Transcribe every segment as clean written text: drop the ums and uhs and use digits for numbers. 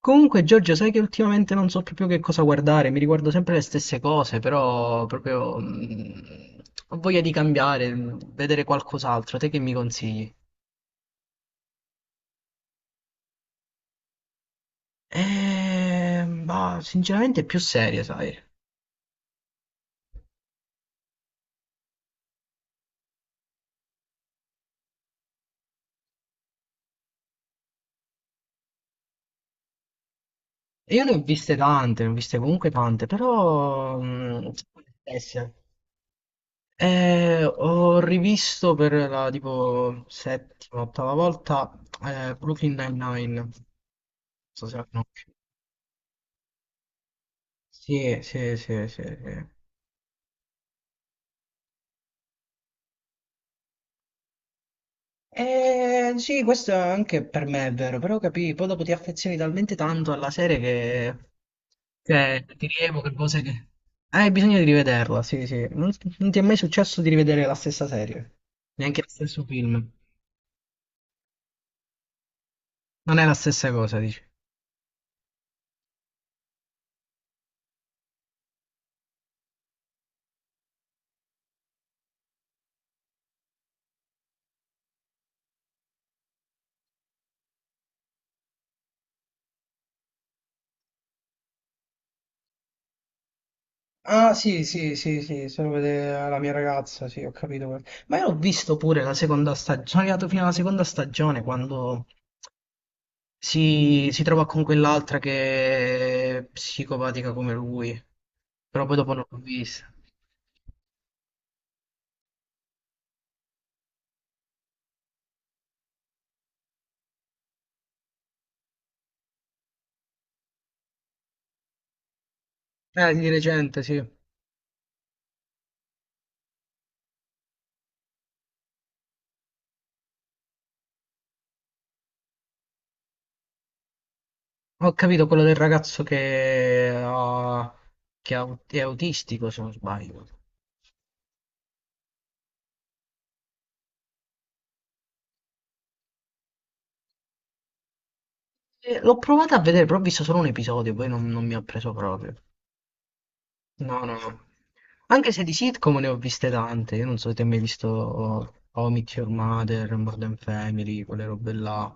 Comunque, Giorgio, sai che ultimamente non so proprio che cosa guardare, mi riguardo sempre le stesse cose, però proprio ho voglia di cambiare, vedere qualcos'altro, te che mi consigli? Ma sinceramente più serie, sai. Io ne ho viste tante, ne ho viste comunque tante, però sempre le stesse. Ho rivisto per la tipo settima, ottava volta Brooklyn Nine-Nine. Non so se la conosci. Sì, sì, sì, sì, sì. Sì, questo anche per me è vero, però capì, poi dopo ti affezioni talmente tanto alla serie che ti rievoca cose che... Hai bisogno di rivederla, sì, sì. Non ti è mai successo di rivedere la stessa serie, neanche lo stesso film. Non è la stessa cosa, dici. Ah, sì, sì, sì, sì, se lo vede la mia ragazza, sì, ho capito. Ma io l'ho visto pure la seconda stagione, sono arrivato fino alla seconda stagione quando... si trova con quell'altra che è psicopatica come lui, però poi dopo non l'ho vista. Di recente, sì. Ho capito quello del ragazzo che ha- è autistico, se non sbaglio. L'ho provato a vedere, però ho visto solo un episodio, poi non mi ha preso proprio. No, no, no. Anche se di sitcom ne ho viste tante, io non so se ti hai mai visto How I Met Your Mother, Modern Family, quelle robe là.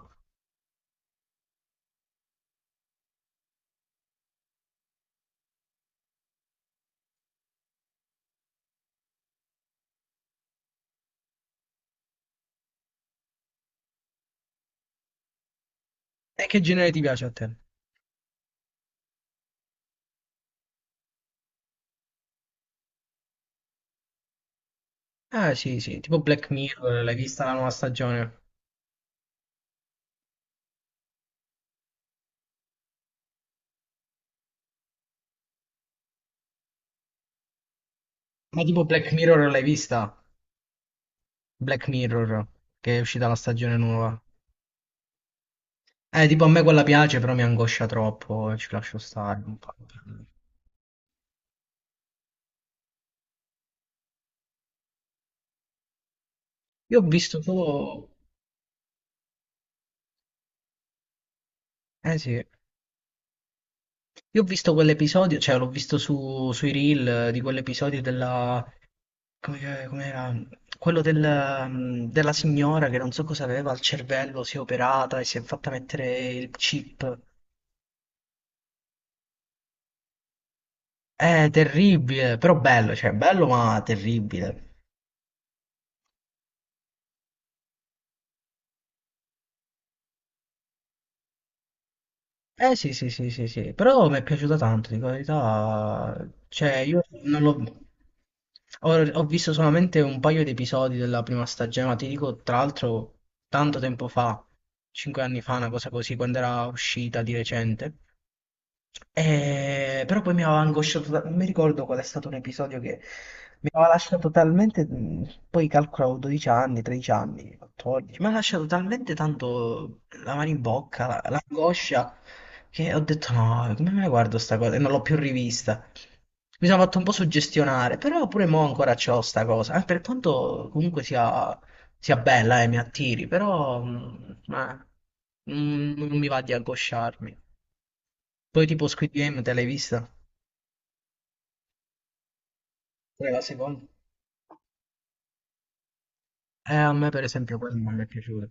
E che genere ti piace a te? Ah sì, sì, tipo Black Mirror, l'hai vista la nuova stagione? Ma tipo Black Mirror l'hai vista? Black Mirror, che è uscita la stagione nuova. Tipo a me quella piace, però mi angoscia troppo, ci lascio stare. Non fa- Io ho visto solo... Eh sì, io ho visto quell'episodio, cioè l'ho visto sui reel di quell'episodio della... come era? Quello della signora che non so cosa aveva al cervello, si è operata e si è fatta mettere il chip. È terribile, però bello, cioè bello ma terribile. Eh sì, sì, sì, sì, sì, però mi è piaciuta tanto, dico la verità. Cioè, io non l'ho... Ho visto solamente un paio di episodi della prima stagione, ma ti dico, tra l'altro, tanto tempo fa, 5 anni fa, una cosa così, quando era uscita di recente. Però poi mi aveva angosciato, non mi ricordo qual è stato un episodio che mi aveva lasciato poi calcolavo 12 anni, 13 anni, 14, mi ha lasciato talmente tanto la mano in bocca, l'angoscia, che ho detto no, come me la guardo sta cosa? E non l'ho più rivista. Mi sono fatto un po' suggestionare, però pure mo ancora c'ho sta cosa, per quanto comunque sia bella e mi attiri, però non mi va di angosciarmi. Poi tipo Squid Game te l'hai vista? Pure la seconda? A me per esempio quella non mi è piaciuta.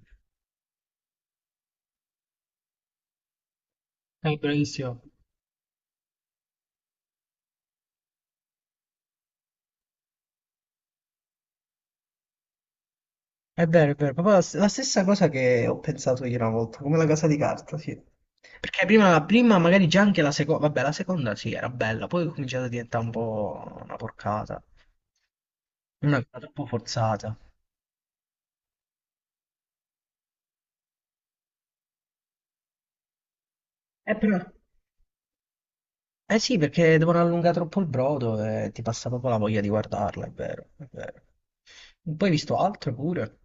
È bravissimo. È vero, proprio la stessa cosa che ho pensato io una volta, come la casa di carta, sì. Perché prima, la prima magari già anche la seconda, vabbè, la seconda sì, era bella, poi è cominciata a diventare un po' una porcata, una cosa troppo forzata. Però... Eh sì, perché devono allungare troppo il brodo e ti passa proprio la voglia di guardarla, è vero, è vero. Poi hai visto altro pure.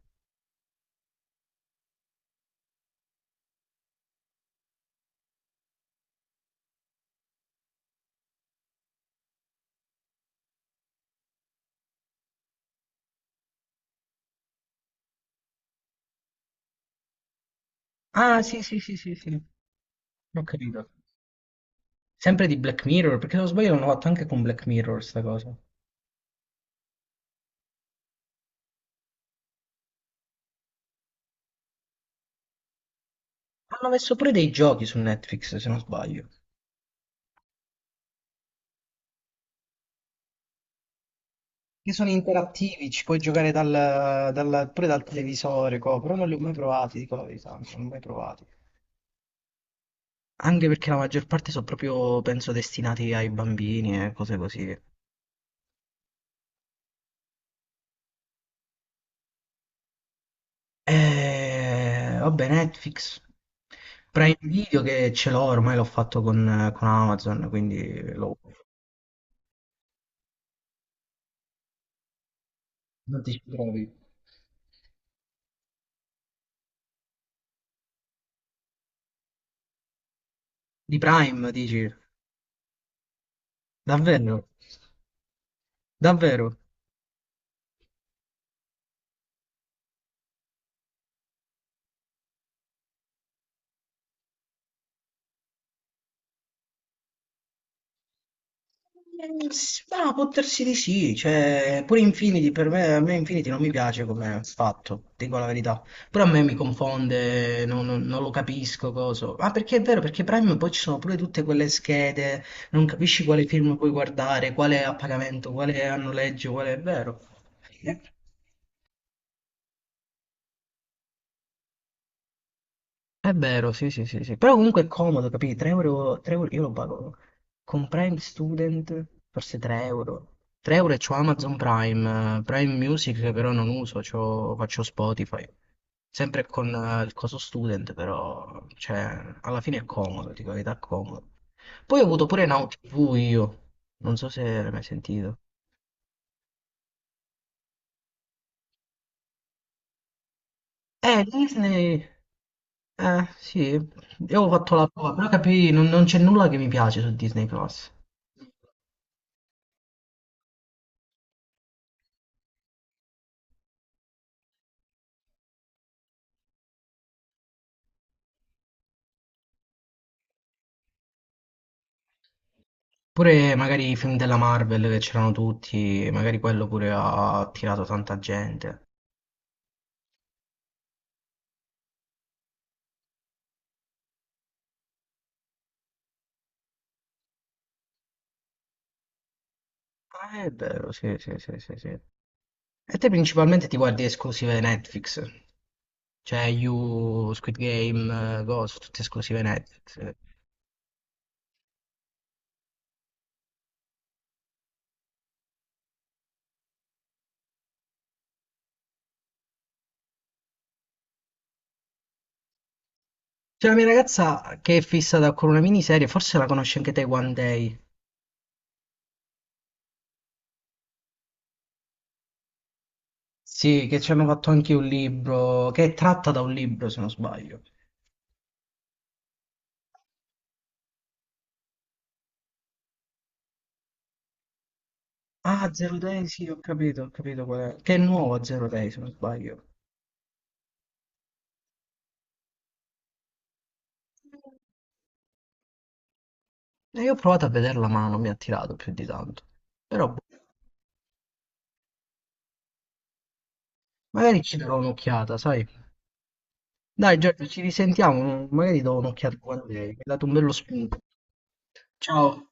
Ah, sì, sì, sì, sì, sì, ho capito. Sempre di Black Mirror, perché se non sbaglio l'hanno fatto anche con Black Mirror sta cosa. Hanno messo pure dei giochi su Netflix, se non sbaglio. Che sono interattivi, ci puoi giocare pure dal televisore, co, però non li ho mai provati, dico la verità, non li ho mai provati. Anche perché la maggior parte sono proprio, penso, destinati ai bambini e cose così. E... Vabbè, Netflix. Prime Video che ce l'ho, ormai l'ho fatto con Amazon, quindi lo... Non ti ci trovi. Di Prime, dici? Davvero? Davvero? Ma può darsi di sì, cioè, pure Infinity per me, a me Infinity non mi piace come fatto, dico la verità. Però a me mi confonde, non lo capisco cosa. Ma perché è vero, perché Prime poi ci sono pure tutte quelle schede, non capisci quale film puoi guardare, quale è a pagamento, quale è a noleggio, quale è vero. È vero, sì, sì, sì, sì. Però comunque è comodo, capì? 3 euro, 3 euro, io lo pago con Prime Student, forse 3 euro. 3 euro e c'ho Amazon Prime, Prime Music che però non uso, faccio Spotify. Sempre con il coso student, però, cioè, alla fine è comodo, dico la verità, è comodo. Poi ho avuto pure Now TV io, non so se l'hai mai sentito. Disney... sì, io ho fatto la prova, però capì, non c'è nulla che mi piace su Disney Plus. Pure magari i film della Marvel che c'erano tutti, magari quello pure ha attirato tanta gente. Ah, è vero, sì, sì, sì, sì, sì. E te principalmente ti guardi esclusive Netflix, cioè You, Squid Game, Ghost, tutte esclusive Netflix. C'è la mia ragazza che è fissata con una miniserie, forse la conosci anche te One Day. Sì, che ci hanno fatto anche un libro, che è tratta da un libro se non sbaglio. Ah, Zero Day, sì, ho capito qual è. Che è nuovo Zero Day se non sbaglio. E io ho provato a vederla ma non mi ha attirato più di tanto. Però boh, magari ci darò un'occhiata, sai? Dai Giorgio, ci risentiamo, magari do un'occhiata quando hai. Mi hai dato un bello spunto. Ciao.